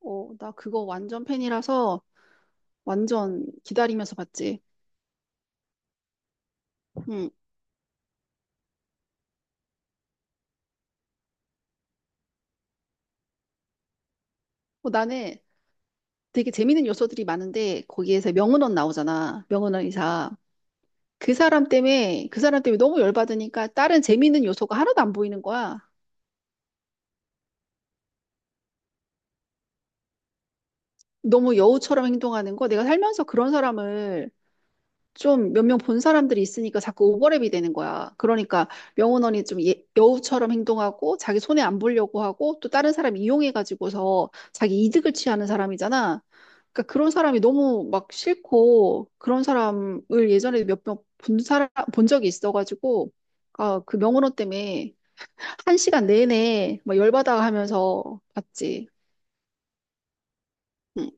어, 나 그거 완전 팬이라서 완전 기다리면서 봤지. 응. 나는 되게 재밌는 요소들이 많은데 거기에서 명은원 나오잖아. 명은원 이사. 그 사람 때문에 너무 열받으니까 다른 재밌는 요소가 하나도 안 보이는 거야. 너무 여우처럼 행동하는 거. 내가 살면서 그런 사람을 좀 몇 명 본 사람들이 있으니까 자꾸 오버랩이 되는 거야. 그러니까 명훈원이 좀 여우처럼 행동하고 자기 손해 안 보려고 하고 또 다른 사람 이용해가지고서 자기 이득을 취하는 사람이잖아. 그러니까 그런 사람이 너무 막 싫고 그런 사람을 예전에 몇 명 본 사람 본 적이 있어가지고 아, 그 명훈원 때문에 한 시간 내내 막 열받아 하면서 봤지. 응,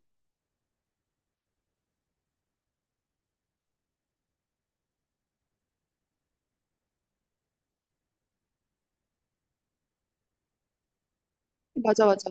맞아, 맞아.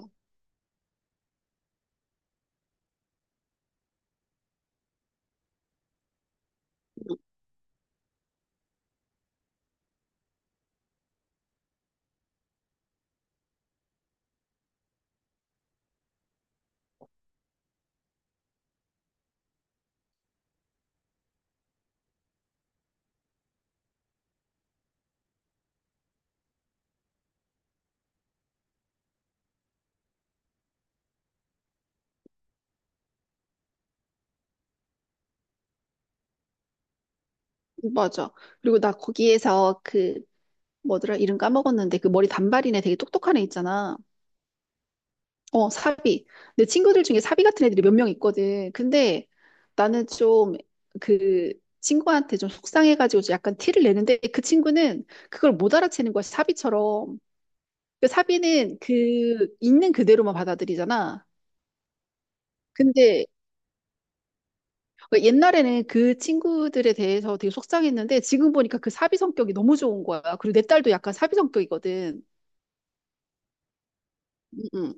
응, 맞아. 그리고 나 거기에서 그 뭐더라? 이름 까먹었는데 그 머리 단발인 애 되게 똑똑한 애 있잖아. 어, 사비. 내 친구들 중에 사비 같은 애들이 몇 명 있거든. 근데 나는 좀 그 친구한테 좀 속상해가지고 좀 약간 티를 내는데 그 친구는 그걸 못 알아채는 거야, 사비처럼. 그 사비는 그 있는 그대로만 받아들이잖아. 근데 옛날에는 그 친구들에 대해서 되게 속상했는데 지금 보니까 그 사비 성격이 너무 좋은 거야. 그리고 내 딸도 약간 사비 성격이거든. 응, 응,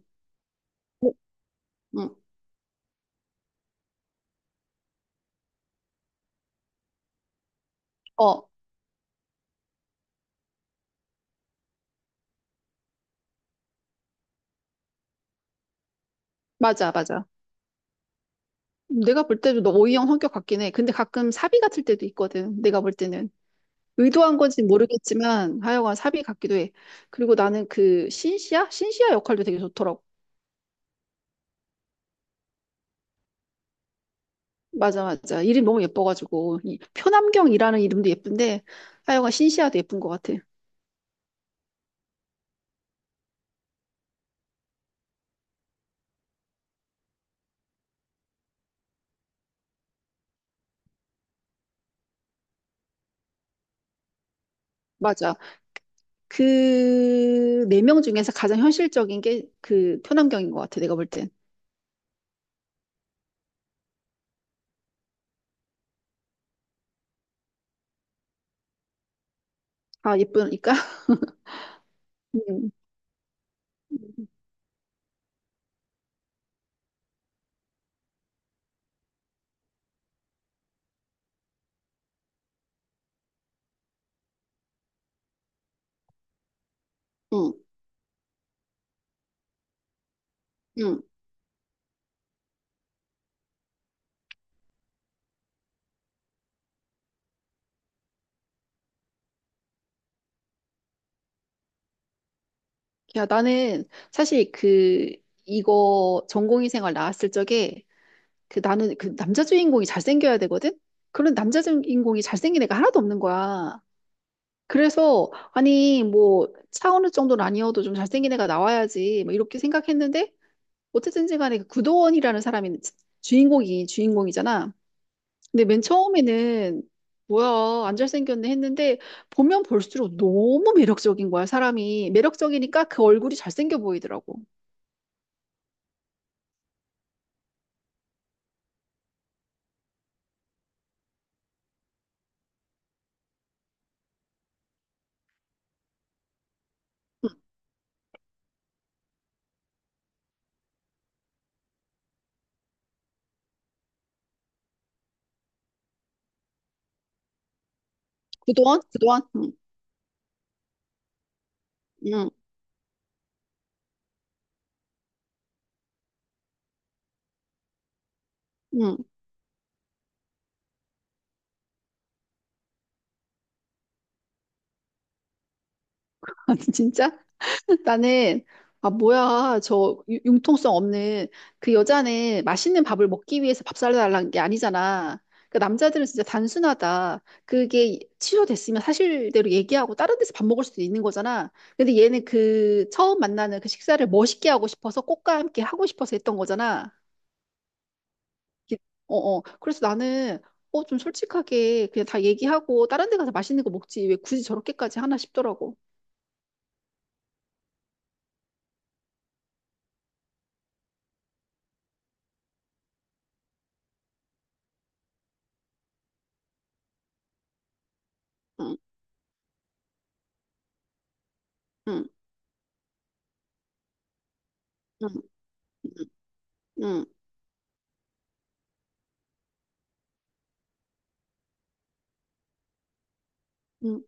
응. 어, 맞아, 맞아. 내가 볼 때도 너 O형 성격 같긴 해. 근데 가끔 사비 같을 때도 있거든. 내가 볼 때는. 의도한 건지 모르겠지만 하여간 사비 같기도 해. 그리고 나는 그 신시아? 신시아 역할도 되게 좋더라고. 맞아, 맞아. 이름 너무 예뻐가지고. 이 표남경이라는 이름도 예쁜데 하여간 신시아도 예쁜 것 같아. 맞아. 그 네 명 중에서 가장 현실적인 게 그 표남경인 것 같아. 내가 볼 땐. 아, 예쁘니까? 응, 응, 응. 야, 나는 사실 그, 이거 전공의 생활 나왔을 적에 그 나는 그 남자 주인공이 잘생겨야 되거든? 그런 남자 주인공이 잘생긴 애가 하나도 없는 거야. 그래서, 아니, 뭐, 차은우 정도는 아니어도 좀 잘생긴 애가 나와야지. 뭐, 이렇게 생각했는데, 어쨌든지 간에 그 구도원이라는 사람이 주인공이잖아. 근데 맨 처음에는, 뭐야, 안 잘생겼네 했는데, 보면 볼수록 너무 매력적인 거야, 사람이. 매력적이니까 그 얼굴이 잘생겨 보이더라고. 그동안? 응, 응, 응. 아, 진짜? 나는, 아, 뭐야. 저 융통성 없는 그 여자는 맛있는 밥을 먹기 위해서 밥 사달라는 게 아니잖아. 그 남자들은 진짜 단순하다. 그게 취소됐으면 사실대로 얘기하고 다른 데서 밥 먹을 수도 있는 거잖아. 근데 얘는 그 처음 만나는 그 식사를 멋있게 하고 싶어서 꽃과 함께 하고 싶어서 했던 거잖아. 기- 어, 어. 그래서 나는 좀 솔직하게 그냥 다 얘기하고 다른 데 가서 맛있는 거 먹지. 왜 굳이 저렇게까지 하나 싶더라고. 응, 응, 응, 응, 응. 응.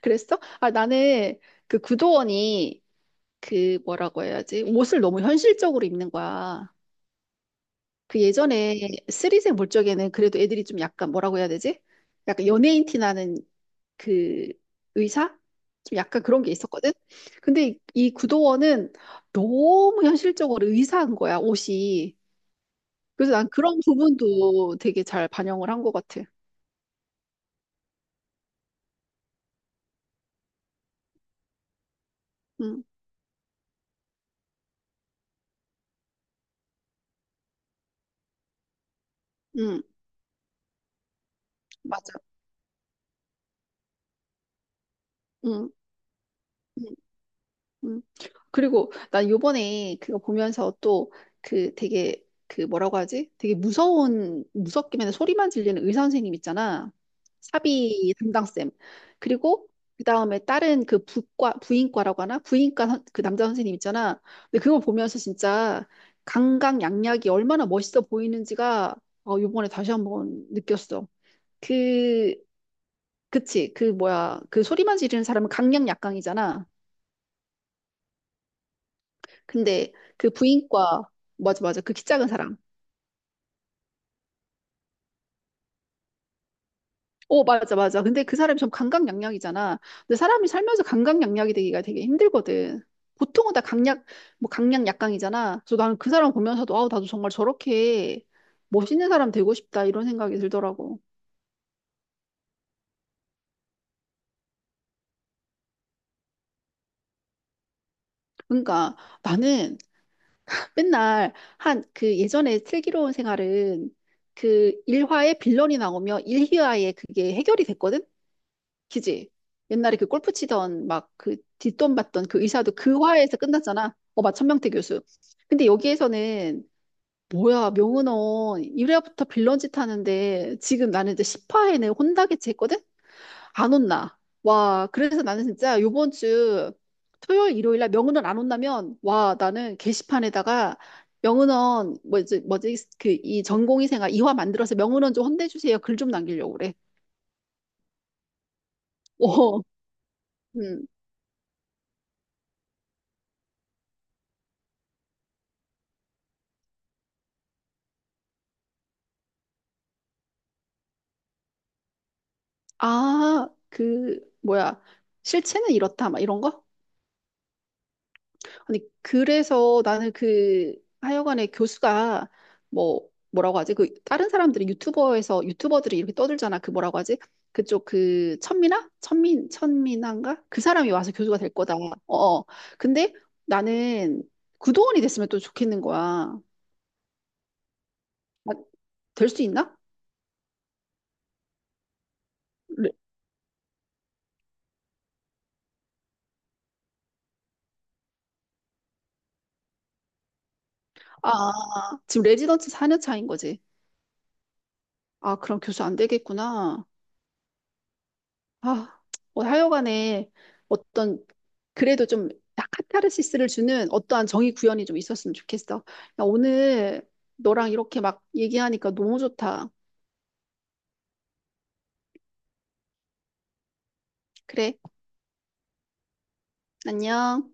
그랬어? 아, 나는 그 구도원이 그 뭐라고 해야지? 옷을 너무 현실적으로 입는 거야. 그 예전에 쓰리생 볼 적에는 그래도 애들이 좀 약간 뭐라고 해야 되지? 약간 연예인 티 나는 그 의사? 좀 약간 그런 게 있었거든? 근데 이 구도원은 너무 현실적으로 의사한 거야, 옷이. 그래서 난 그런 부분도 되게 잘 반영을 한 것 같아. 응, 응, 맞아. 응. 응. 음. 그리고 난 요번에 그거 보면서 또 그 되게 그 뭐라고 하지? 되게 무서운 무섭기만 소리만 질리는 의사 선생님 있잖아. 사비 담당쌤. 그리고 그다음에 다른 그 부과 부인과라고 하나? 부인과 그 남자 선생님 있잖아. 근데 그걸 보면서 진짜 강강약약이 얼마나 멋있어 보이는지가 요번에 다시 한번 느꼈어. 그 그치, 그 뭐야, 그 소리만 지르는 사람은 강약약강이잖아. 근데 그 부인과, 맞아, 맞아, 그 키 작은 사람, 어, 맞아, 맞아, 근데 그 사람이 좀 강강약약이잖아. 근데 사람이 살면서 강강약약이 되기가 되게 힘들거든. 보통은 다 강약, 뭐, 강약 약강이잖아. 그래서 나는 그 사람 보면서도 아우 나도 정말 저렇게 멋있는 사람 되고 싶다 이런 생각이 들더라고. 그러니까 나는 맨날 한 그 예전에 슬기로운 생활은 그 1화에 빌런이 나오면 1화에 그게 해결이 됐거든. 그지? 옛날에 그 골프 치던 막 그 뒷돈 받던 그 의사도 그 화에서 끝났잖아. 어, 마천명태 교수. 근데 여기에서는 뭐야, 명은원 1회부터 빌런 짓 하는데 지금 나는 이제 10화에는 혼나게지 했거든? 안 혼나. 와, 그래서 나는 진짜 요번 주 토요일, 일요일 날 명은원 안 혼나면 와, 나는 게시판에다가 명은원 뭐지 뭐지 그 이 전공의생활 이화 만들어서 명은원 좀 혼내주세요 글 좀 남기려고 그래. 오. 음. 아, 그, 뭐야. 실체는 이렇다, 막 이런 거? 아니, 그래서 나는 그, 하여간에 교수가, 뭐, 뭐라고 하지? 그, 다른 사람들이 유튜버들이 이렇게 떠들잖아. 그 뭐라고 하지? 그쪽 그, 천민아? 천민아인가? 그 사람이 와서 교수가 될 거다. 어, 어. 근데 나는 구도원이 됐으면 또 좋겠는 거야. 아, 될수 있나? 레- 아, 지금 레지던트 4년 차인 거지. 아, 그럼 교수 안 되겠구나. 아, 뭐 하여간에 어떤 그래도 좀 카타르시스를 주는 어떠한 정의 구현이 좀 있었으면 좋겠어. 야, 오늘 너랑 이렇게 막 얘기하니까 너무 좋다. 그래, 안녕.